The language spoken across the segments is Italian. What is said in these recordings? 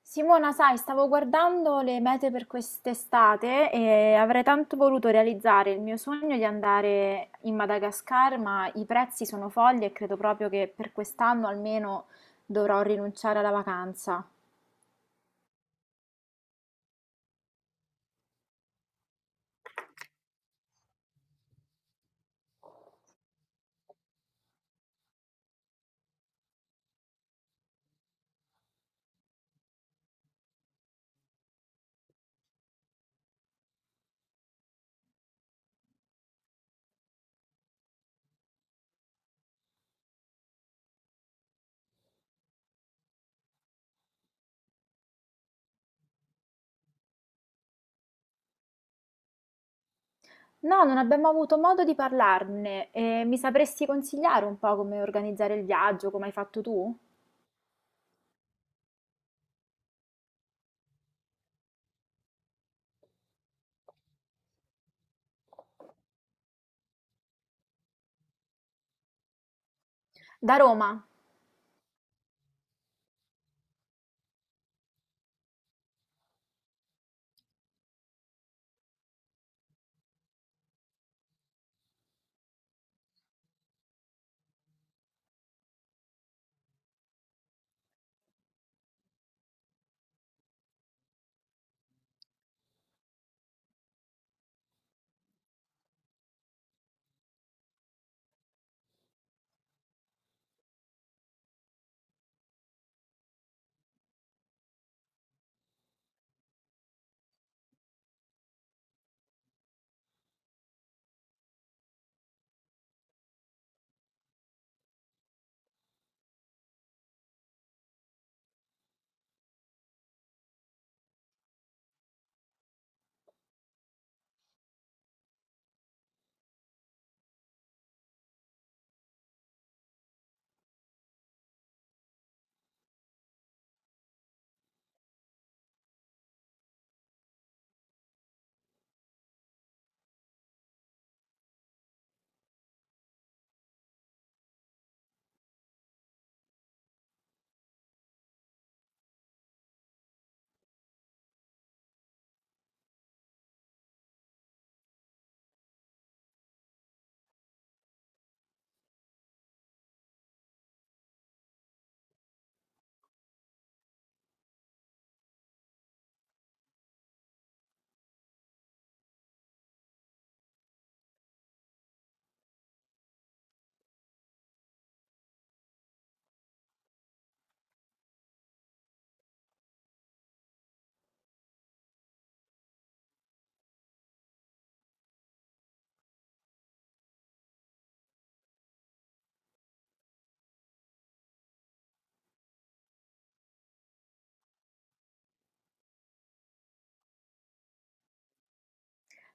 Simona, sai, stavo guardando le mete per quest'estate e avrei tanto voluto realizzare il mio sogno di andare in Madagascar, ma i prezzi sono folli e credo proprio che per quest'anno almeno dovrò rinunciare alla vacanza. No, non abbiamo avuto modo di parlarne e mi sapresti consigliare un po' come organizzare il viaggio, come hai fatto tu? Da Roma.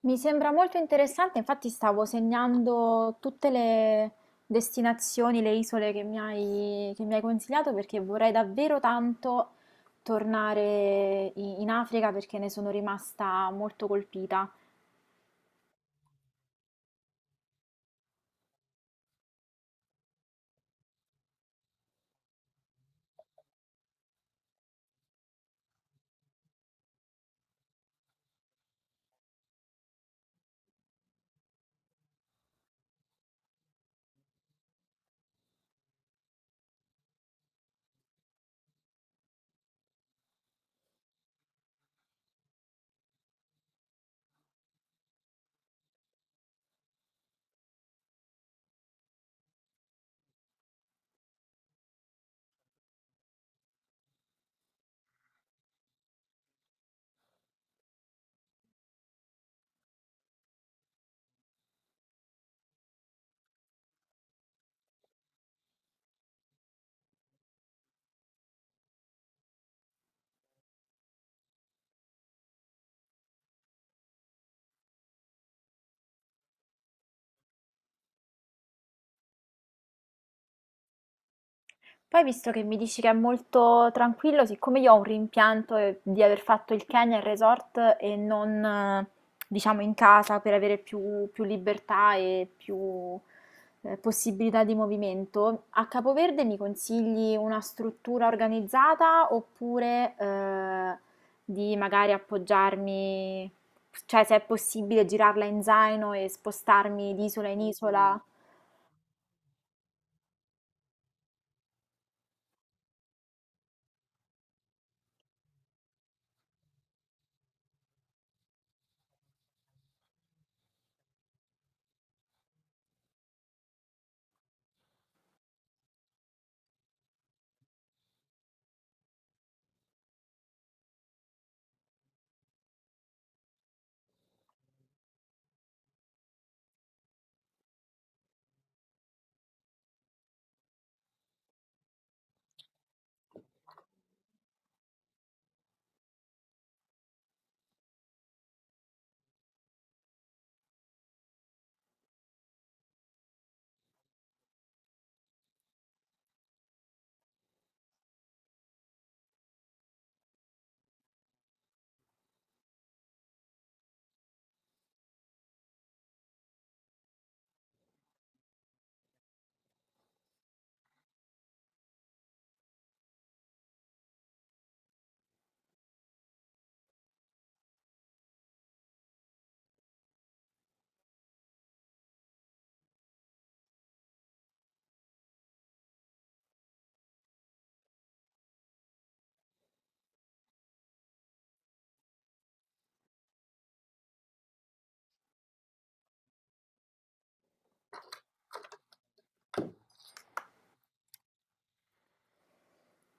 Mi sembra molto interessante, infatti stavo segnando tutte le destinazioni, le isole che mi hai consigliato perché vorrei davvero tanto tornare in Africa perché ne sono rimasta molto colpita. Poi visto che mi dici che è molto tranquillo, siccome io ho un rimpianto di aver fatto il Kenya in resort e non, diciamo, in casa per avere più libertà e più possibilità di movimento, a Capoverde mi consigli una struttura organizzata oppure di magari appoggiarmi, cioè se è possibile girarla in zaino e spostarmi di isola in isola?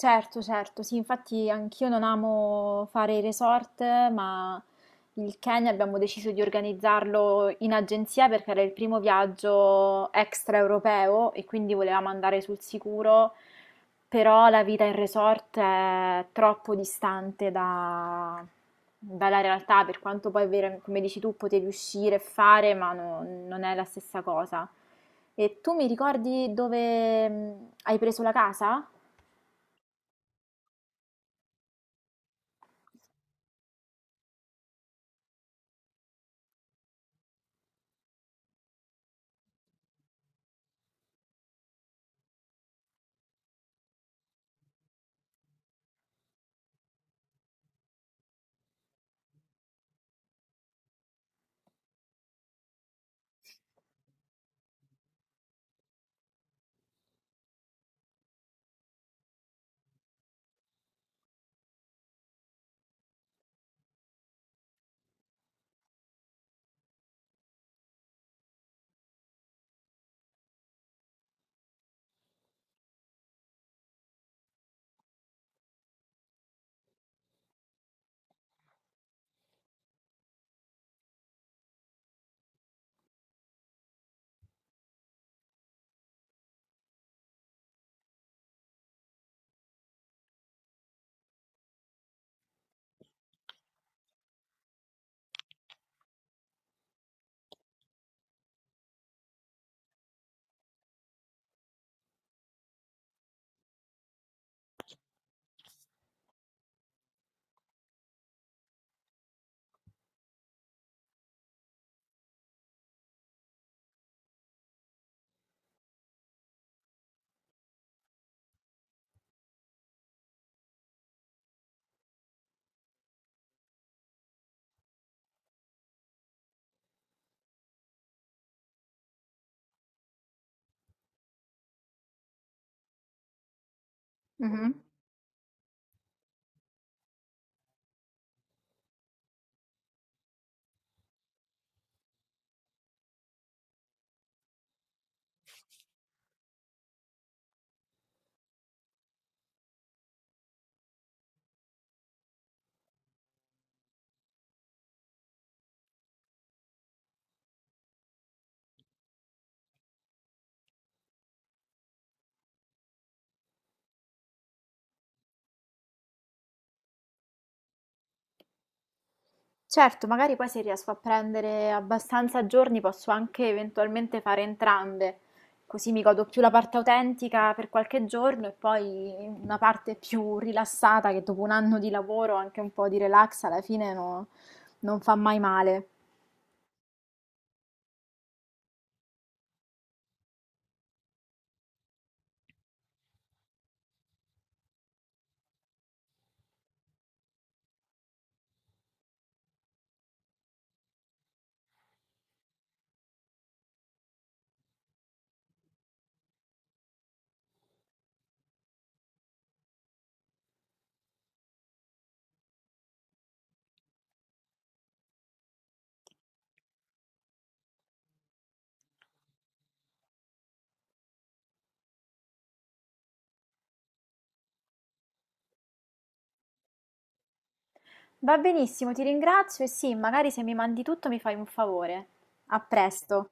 Certo, certo, sì, infatti anch'io non amo fare i resort, ma il Kenya abbiamo deciso di organizzarlo in agenzia perché era il primo viaggio extraeuropeo e quindi volevamo andare sul sicuro, però la vita in resort è troppo distante dalla realtà, per quanto poi, come dici tu, potevi uscire e fare, ma non è la stessa cosa. E tu mi ricordi dove hai preso la casa? Mhm. Certo, magari poi se riesco a prendere abbastanza giorni posso anche eventualmente fare entrambe, così mi godo più la parte autentica per qualche giorno e poi una parte più rilassata che dopo un anno di lavoro, anche un po' di relax alla fine non fa mai male. Va benissimo, ti ringrazio e sì, magari se mi mandi tutto mi fai un favore. A presto.